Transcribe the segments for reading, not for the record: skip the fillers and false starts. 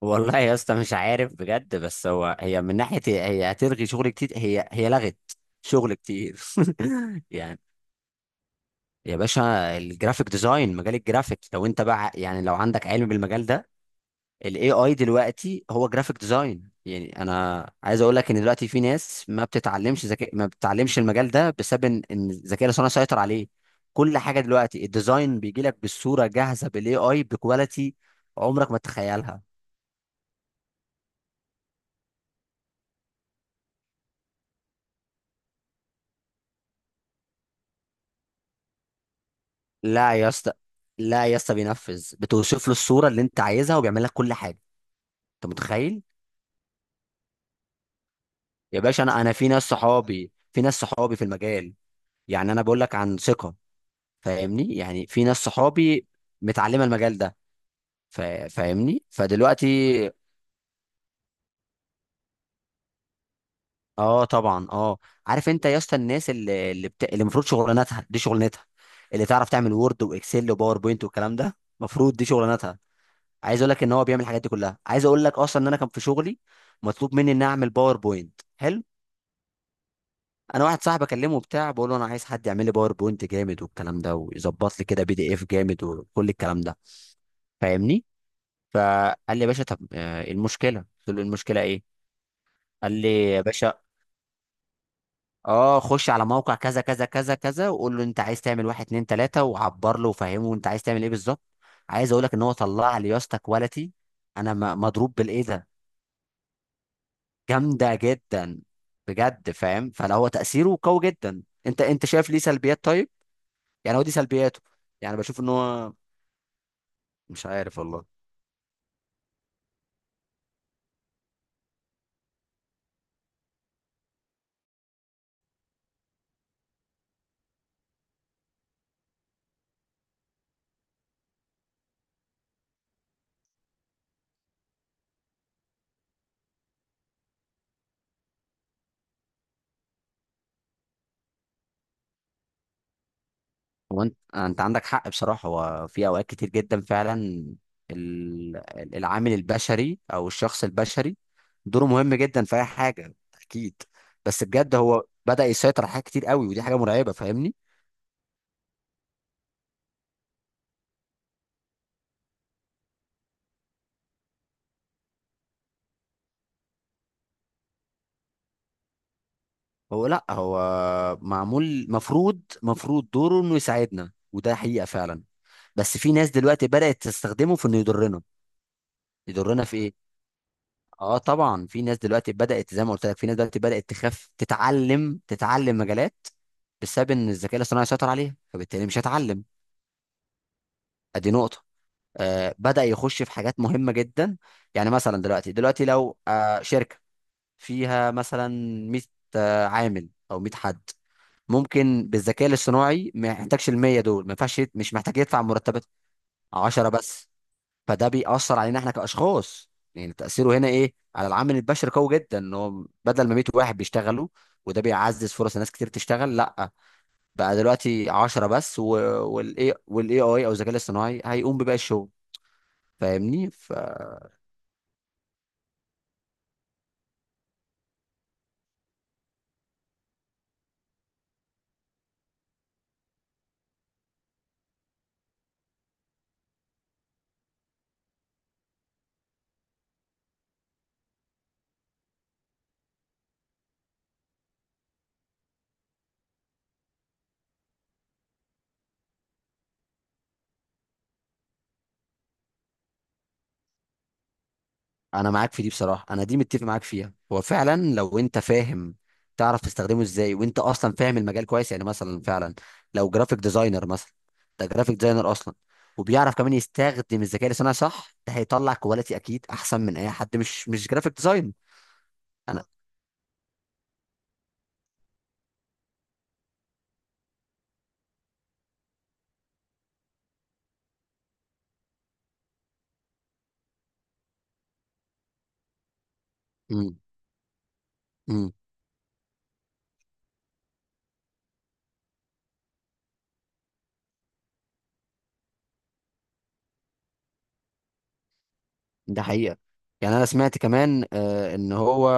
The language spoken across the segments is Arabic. والله يا اسطى، مش عارف بجد. بس هو هي من ناحيه هي هي هتلغي شغل كتير. هي لغت شغل كتير. يعني يا باشا، الجرافيك ديزاين، مجال الجرافيك، لو انت بقى يعني لو عندك علم بالمجال ده، الاي اي دلوقتي هو جرافيك ديزاين. يعني انا عايز اقول لك ان دلوقتي في ناس ما بتتعلمش ذكاء، ما بتتعلمش المجال ده بسبب ان الذكاء الاصطناعي سيطر عليه. كل حاجه دلوقتي، الديزاين بيجي لك بالصوره جاهزه بالاي اي بكواليتي عمرك ما تتخيلها. لا يا اسطى، لا يا اسطى، بينفذ. بتوصف له الصوره اللي انت عايزها وبيعمل لك كل حاجه. انت متخيل؟ يا باشا، انا في ناس صحابي، في المجال. يعني انا بقول لك عن ثقه. فاهمني؟ يعني في ناس صحابي متعلمه المجال ده. فاهمني؟ فدلوقتي، اه طبعا اه، عارف انت يا اسطى، الناس اللي المفروض شغلانتها دي، شغلانتها اللي تعرف تعمل وورد واكسل وباوربوينت والكلام ده، المفروض دي شغلانتها. عايز اقول لك ان هو بيعمل الحاجات دي كلها. عايز اقول لك اصلا ان انا كان في شغلي مطلوب مني ان اعمل باوربوينت حلو. انا واحد صاحبي اكلمه وبتاع، بقول له انا عايز حد يعمل لي باوربوينت جامد والكلام ده، ويظبط لي كده بي دي اف جامد وكل الكلام ده. فاهمني؟ فقال لي يا باشا، طب إيه المشكله؟ قلت له، المشكله ايه؟ قال لي يا باشا، اه خش على موقع كذا كذا كذا كذا، وقول له انت عايز تعمل واحد اتنين تلاته، وعبر له وفهمه انت عايز تعمل ايه بالظبط. عايز اقول لك ان هو طلع لي يا اسطى كواليتي، انا مضروب بالايه ده. جامده جدا، بجد. فاهم؟ فلا، هو تاثيره قوي جدا. انت شايف ليه سلبيات؟ طيب، يعني هو دي سلبياته. يعني بشوف ان هو، مش عارف والله. هو انت عندك حق بصراحه. هو في اوقات كتير جدا فعلا، ال- العامل البشري او الشخص البشري، دوره مهم جدا في اي حاجه. اكيد. بس بجد هو بدا يسيطر على حاجات كتير قوي، ودي حاجه مرعبه. فاهمني؟ هو لا، هو معمول، مفروض دوره انه يساعدنا، وده حقيقه فعلا. بس في ناس دلوقتي بدأت تستخدمه في انه يضرنا. يضرنا في ايه؟ اه طبعا، في ناس دلوقتي بدأت، زي ما قلت لك، في ناس دلوقتي بدأت تخاف تتعلم، مجالات بسبب ان الذكاء الاصطناعي سيطر عليها، فبالتالي مش هتعلم. ادي نقطة. بدأ يخش في حاجات مهمة جدا. يعني مثلا دلوقتي، لو شركة فيها مثلا 100 عامل او 100 حد، ممكن بالذكاء الاصطناعي ما يحتاجش ال 100 دول. ما ينفعش مش محتاج يدفع مرتبات. 10 بس. فده بيأثر علينا احنا كأشخاص. يعني تأثيره هنا ايه على العامل البشري؟ قوي جدا، ان هو بدل ما 100 واحد بيشتغلوا وده بيعزز فرص ناس كتير تشتغل، لا، بقى دلوقتي 10 بس، والاي اي او الذكاء الاصطناعي هيقوم بباقي الشغل. فاهمني؟ انا معاك في دي بصراحه، انا دي متفق معاك فيها. هو فعلا لو انت فاهم، تعرف تستخدمه ازاي، وانت اصلا فاهم المجال كويس، يعني مثلا فعلا، لو جرافيك ديزاينر مثلا، ده جرافيك ديزاينر اصلا وبيعرف كمان يستخدم الذكاء الاصطناعي صح، ده هيطلع كواليتي اكيد احسن من اي حد مش جرافيك ديزاين. انا امم امم ده حقيقه. يعني انا سمعت كمان ان هو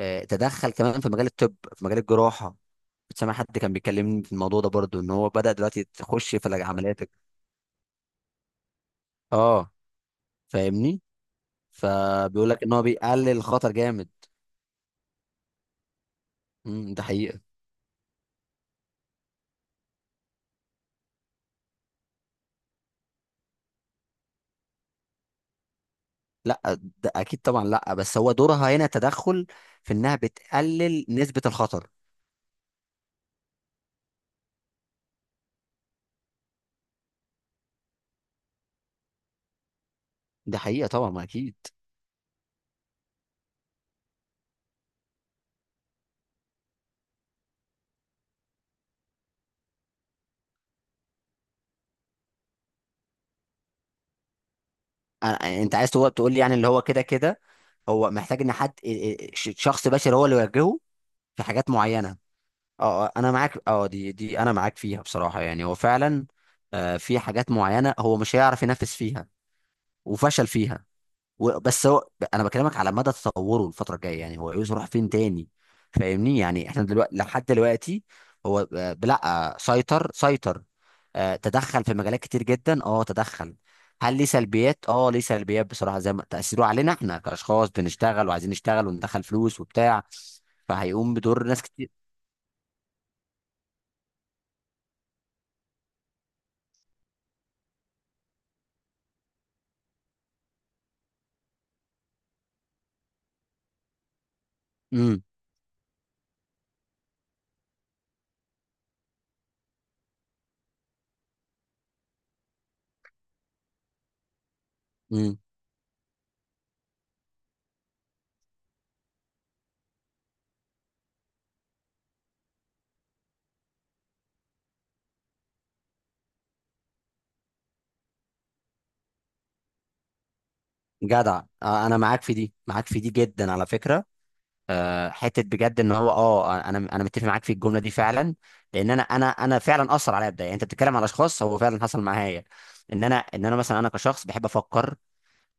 تدخل كمان في مجال الطب، في مجال الجراحه. كنت سامع حد كان بيكلمني في الموضوع ده برضو، ان هو بدأ دلوقتي تخش في العمليات. اه، فاهمني؟ فبيقول لك ان هو بيقلل الخطر جامد. ده حقيقة. لا، ده اكيد طبعا لا. بس هو دورها هنا تدخل في انها بتقلل نسبة الخطر. ده حقيقة طبعا، ما اكيد. انت عايز تقول لي، يعني اللي هو كده كده، هو محتاج ان حد، شخص بشري هو اللي يوجهه في حاجات معينة. اه انا معاك. اه دي انا معاك فيها بصراحة. يعني هو فعلا في حاجات معينة هو مش هيعرف ينفذ فيها وفشل فيها. بس هو، انا بكلمك على مدى تطوره الفتره الجايه، يعني هو عايز يروح فين تاني. فاهمني؟ يعني احنا دلوقتي، لحد دلوقتي، هو لا، سيطر. تدخل في مجالات كتير جدا، اه تدخل. هل ليه سلبيات؟ اه، ليه سلبيات بصراحه. زي ما تاثيره علينا احنا كاشخاص بنشتغل وعايزين نشتغل وندخل فلوس وبتاع، فهيقوم بدور ناس كتير. امم امم جدع. انا معاك في دي، معاك في دي جدا على فكره. حته بجد ان هو، اه انا متفق معاك في الجمله دي فعلا. لان انا فعلا اثر عليا بدايه. يعني انت بتتكلم على اشخاص، هو فعلا حصل معايا ان انا مثلا، انا كشخص بحب افكر.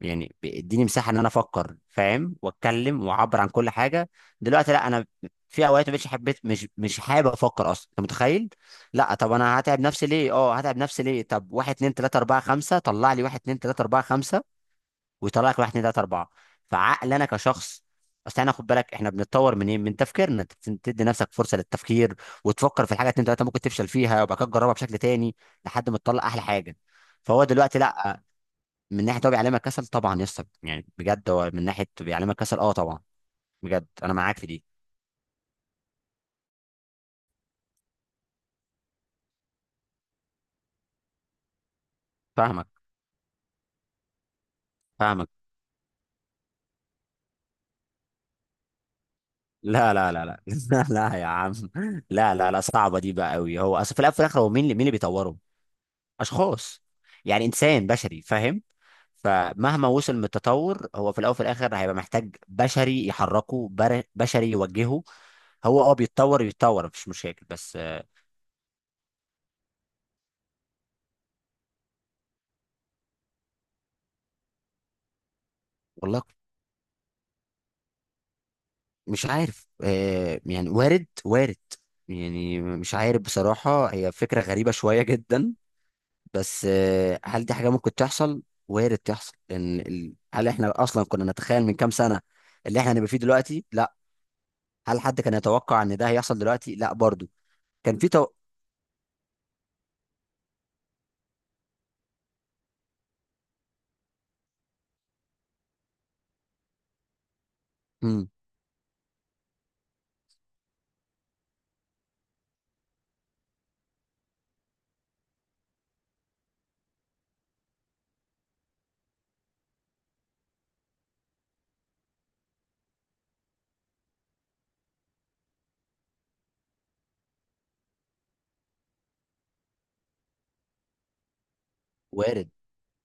يعني بيديني مساحه ان انا افكر، فاهم؟ واتكلم واعبر عن كل حاجه. دلوقتي لا، انا في اوقات مش حبيت مش مش حابب افكر اصلا. انت متخيل؟ لا، طب انا هتعب نفسي ليه؟ اه، هتعب نفسي ليه؟ طب، واحد اتنين تلاته اربعه خمسه، طلع لي واحد اتنين تلاته اربعه خمسه، ويطلع لك واحد اتنين تلاته اربعه. فعقل انا كشخص، اصل احنا، خد بالك، احنا بنتطور منين؟ من تفكيرنا. تدي نفسك فرصه للتفكير، وتفكر في الحاجه اتنين تلاته، ممكن تفشل فيها وبعد كده تجربها بشكل تاني لحد ما تطلع احلى حاجه. فهو دلوقتي لا، من ناحيه هو بيعلمك كسل. طبعا يا اسطى، يعني بجد هو من ناحيه بيعلمك كسل، اه طبعا، بجد انا معاك في دي. فاهمك، فاهمك. لا لا لا لا، لا لا يا عم، لا لا لا، صعبه دي بقى قوي. هو اصل في الاول وفي الاخر، هو مين اللي بيطوره؟ اشخاص، يعني انسان بشري، فاهم؟ فمهما وصل من التطور، هو في الاول وفي الاخر هيبقى محتاج بشري يحركه، بشري يوجهه. هو اه، بيتطور يتطور، مفيش مشاكل. بس والله مش عارف. يعني وارد وارد. يعني مش عارف بصراحة، هي فكرة غريبة شوية جدا. بس هل دي حاجة ممكن تحصل؟ وارد تحصل. ان هل احنا اصلا كنا نتخيل من كام سنة اللي احنا هنبقى فيه دلوقتي؟ لا. هل حد كان يتوقع ان ده هيحصل دلوقتي؟ لا برضو. كان مم. وارد،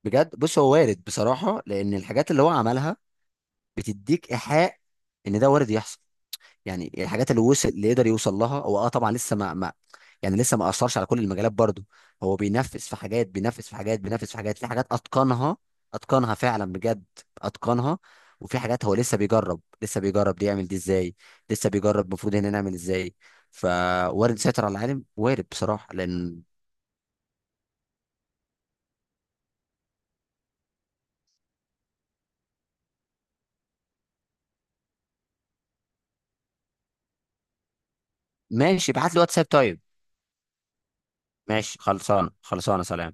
بجد. بص، هو وارد بصراحة، لأن الحاجات اللي هو عملها بتديك إيحاء إن ده وارد يحصل. يعني الحاجات اللي وصل، اللي يقدر يوصل لها هو، اه طبعا لسه ما، يعني لسه ما أثرش على كل المجالات برضه. هو بينفذ في حاجات، بينفذ في حاجات، بينفذ في حاجات، في حاجات أتقنها، أتقنها فعلا بجد، أتقنها. وفي حاجات هو لسه بيجرب دي يعمل دي ازاي، لسه بيجرب المفروض هنا نعمل ازاي. فوارد سيطر على العالم، وارد بصراحة لأن. ماشي، ابعت لي واتساب، طيب. ماشي، خلصانه خلصانه، سلام.